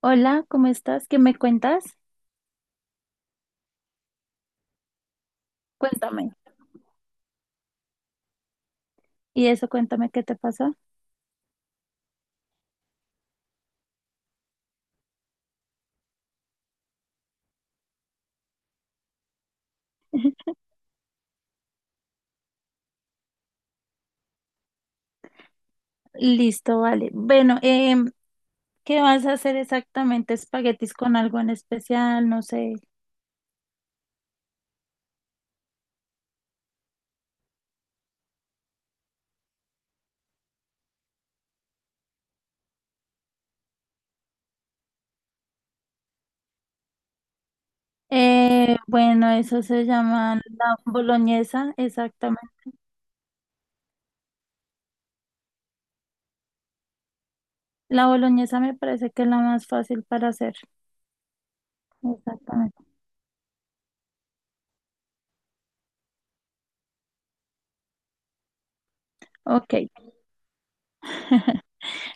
Hola, ¿cómo estás? ¿Qué me cuentas? Cuéntame. Y eso, cuéntame qué te pasó. Listo, vale. Bueno, ¿qué vas a hacer exactamente? ¿Espaguetis con algo en especial? No sé. Bueno, eso se llama la boloñesa, exactamente. La boloñesa me parece que es la más fácil para hacer. Exactamente. Ok,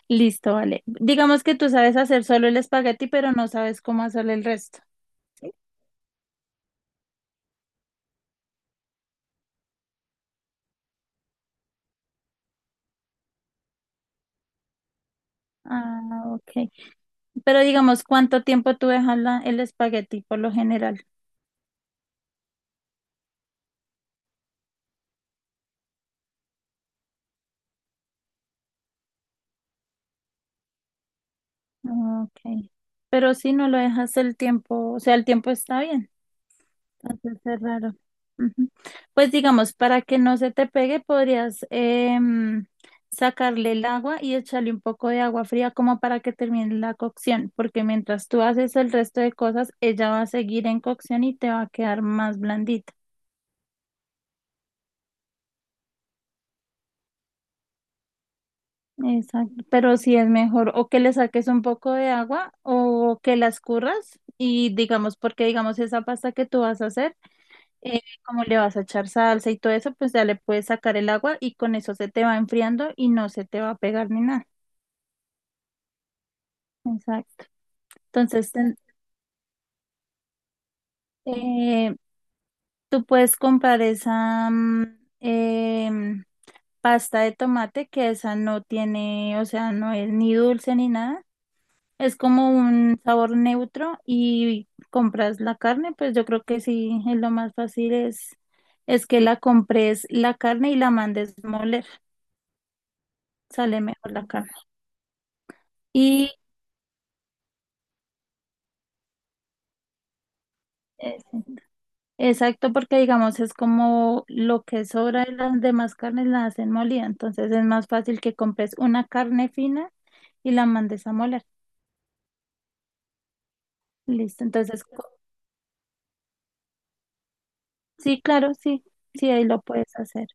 listo, vale. Digamos que tú sabes hacer solo el espagueti, pero no sabes cómo hacer el resto. ¿Sí? Ah, ok. Pero digamos, ¿cuánto tiempo tú dejas el espagueti por lo general? Ah, ok. Pero si no lo dejas el tiempo, o sea, el tiempo está bien. Entonces es raro. Ujú. Pues digamos, para que no se te pegue, podrías sacarle el agua y echarle un poco de agua fría como para que termine la cocción, porque mientras tú haces el resto de cosas, ella va a seguir en cocción y te va a quedar más blandita. Exacto, pero sí es mejor o que le saques un poco de agua o que la escurras y digamos, porque digamos esa pasta que tú vas a hacer, como le vas a echar salsa y todo eso, pues ya le puedes sacar el agua y con eso se te va enfriando y no se te va a pegar ni nada. Exacto. Entonces, eh, tú puedes comprar esa em, pasta de tomate que esa no tiene, o sea, no es ni dulce ni nada. Es como un sabor neutro y compras la carne, pues yo creo que sí, es lo más fácil es que la compres la carne y la mandes moler, sale mejor la carne. Y eh, exacto, porque digamos es como lo que sobra de las demás carnes la hacen molida, entonces es más fácil que compres una carne fina y la mandes a moler. Listo, entonces sí, claro, sí, sí, ahí lo puedes hacer.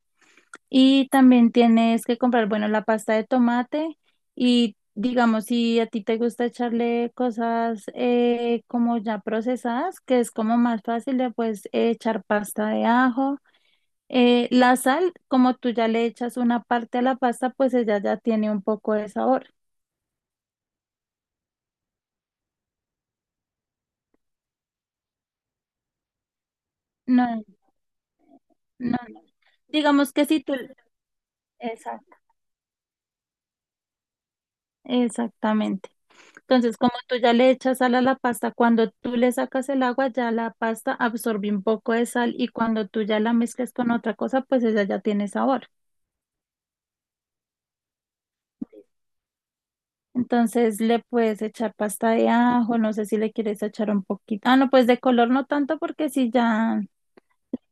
Y también tienes que comprar, bueno, la pasta de tomate y digamos, si a ti te gusta echarle cosas como ya procesadas, que es como más fácil de pues echar pasta de ajo. La sal, como tú ya le echas una parte a la pasta, pues ella ya tiene un poco de sabor. No, no, no. Digamos que si tú... Exact- exactamente. Entonces, como tú ya le echas sal a la pasta, cuando tú le sacas el agua, ya la pasta absorbe un poco de sal y cuando tú ya la mezclas con otra cosa, pues ella ya tiene sabor. Entonces le puedes echar pasta de ajo, no sé si le quieres echar un poquito. Ah, no, pues de color no tanto porque si ya...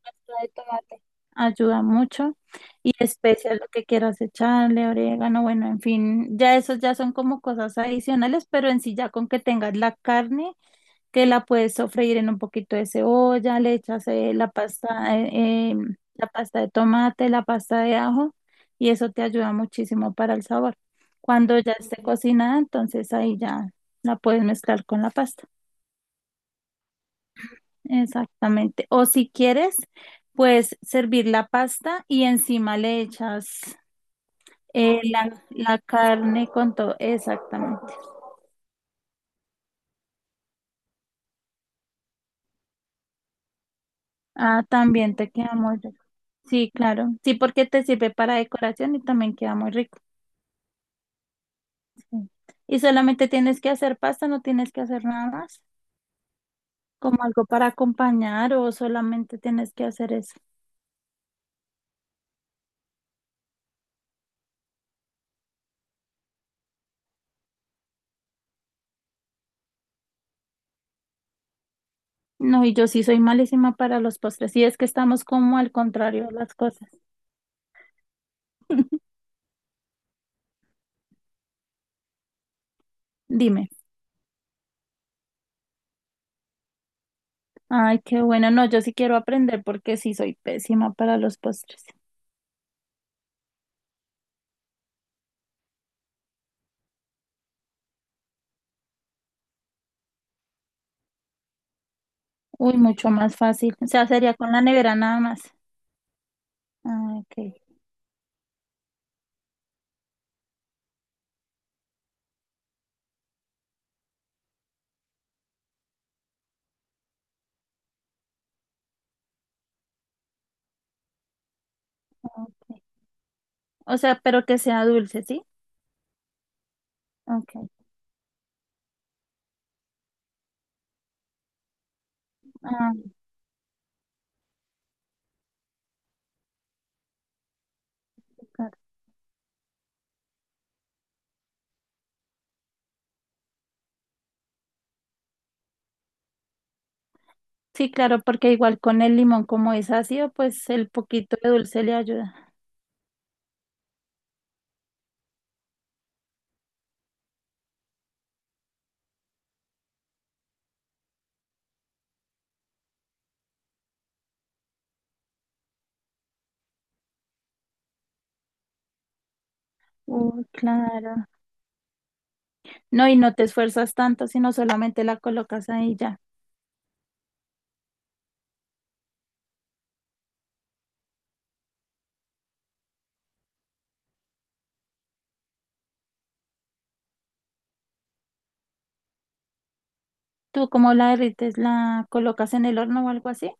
Pasta de tomate ayuda mucho. Y especias lo que quieras echarle, orégano, bueno, en fin, ya esos ya son como cosas adicionales, pero en sí ya con que tengas la carne, que la puedes sofreír en un poquito de cebolla, le echas la pasta de tomate, la pasta de ajo y eso te ayuda muchísimo para el sabor. Cuando ya esté cocinada, entonces ahí ya la puedes mezclar con la pasta. Exactamente. O si quieres, puedes servir la pasta y encima le echas la carne con todo. Exactamente. Ah, también te queda muy rico. Sí, claro. Sí, porque te sirve para decoración y también queda muy rico. Sí. Y solamente tienes que hacer pasta, no tienes que hacer nada más, como algo para acompañar o solamente tienes que hacer eso. No, y yo sí soy malísima para los postres, y es que estamos como al contrario de las cosas. Dime. Ay, qué bueno, no, yo sí quiero aprender porque sí soy pésima para los postres. Uy, mucho más fácil. O sea, sería con la nevera nada más. Ah, ok, ok. O sea, pero que sea dulce, ¿sí? Ok. Ah, ok. Sí, claro, porque igual con el limón como es ácido, pues el poquito de dulce le ayuda. Uy, claro. No, y no te esfuerzas tanto, sino solamente la colocas ahí ya. ¿Tú cómo la derrites? ¿La colocas en el horno o algo así?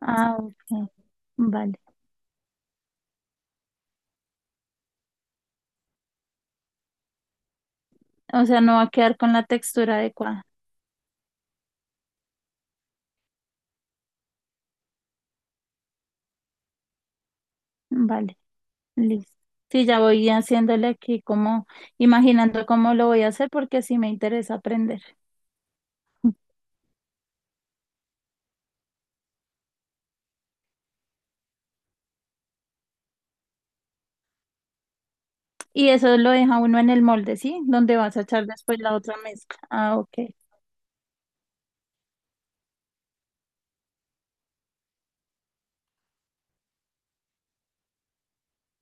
Ah, ok, vale. O sea, no va a quedar con la textura adecuada. Vale, listo. Sí, ya voy haciéndole aquí como, imaginando cómo lo voy a hacer porque sí me interesa aprender. Y eso lo deja uno en el molde, ¿sí? Donde vas a echar después la otra mezcla. Ah, ok.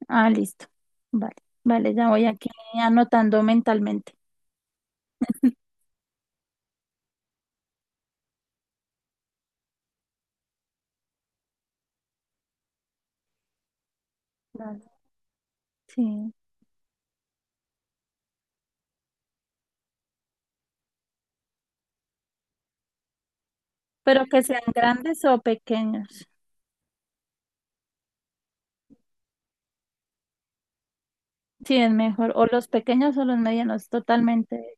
Ah, listo. Vale, vale, ya voy aquí anotando mentalmente. Vale. Sí, pero que sean grandes o pequeños. Sí, es mejor. O los pequeños o los medianos, totalmente.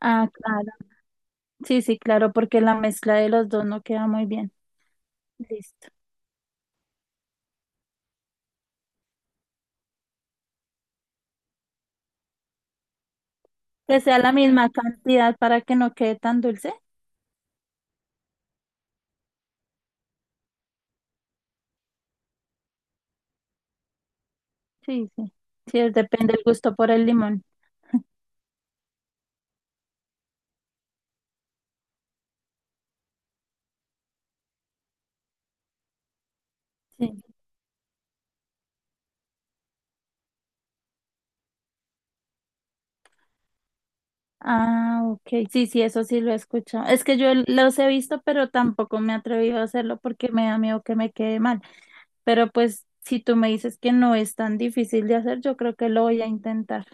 Ah, claro. Sí, sí, claro, porque la mezcla de los dos no queda muy bien. Listo. Que sea la misma cantidad para que no quede tan dulce. Sí, sí. Sí, depende el gusto por el limón. Sí. Ah, ok. Sí, sí, eso sí lo he escuchado. Es que yo los he visto, pero tampoco me he atrevido a hacerlo porque me da miedo que me quede mal. Pero pues, si tú me dices que no es tan difícil de hacer, yo creo que lo voy a intentar.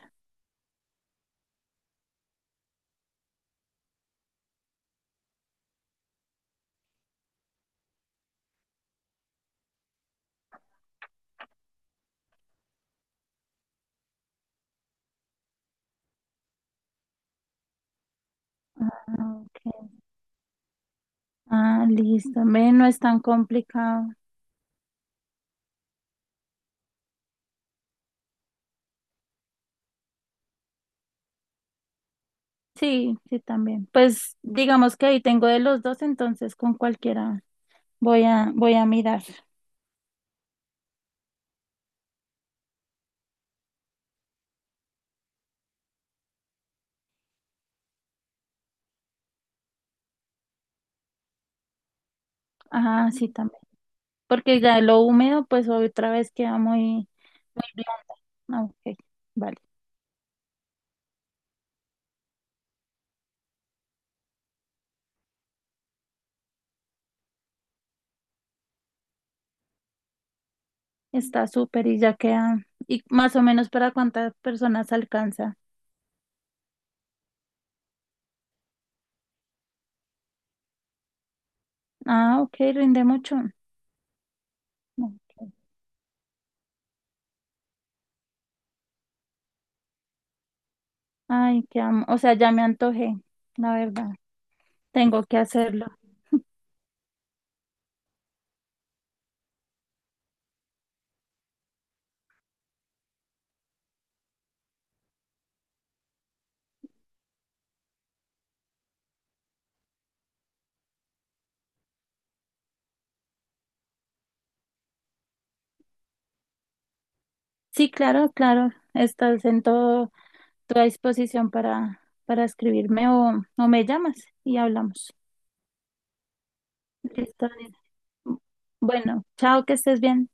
Ah, ok. Ah, listo. Ve, no es tan complicado. Sí, sí, también. Pues digamos que ahí tengo de los dos, entonces con cualquiera voy a mirar. Ah, sí, también. Porque ya lo húmedo, pues otra vez queda muy blanda. Ah, ok, vale. Está súper y ya queda. ¿Y más o menos para cuántas personas alcanza? Ah, ok, rinde mucho. Ok. Ay, qué amo. O sea, ya me antojé, la verdad. Tengo que hacerlo. Sí, claro, claro. Estás en todo, toda disposición para escribirme o me llamas y hablamos. Listo. Nina. Bueno, chao, que estés bien.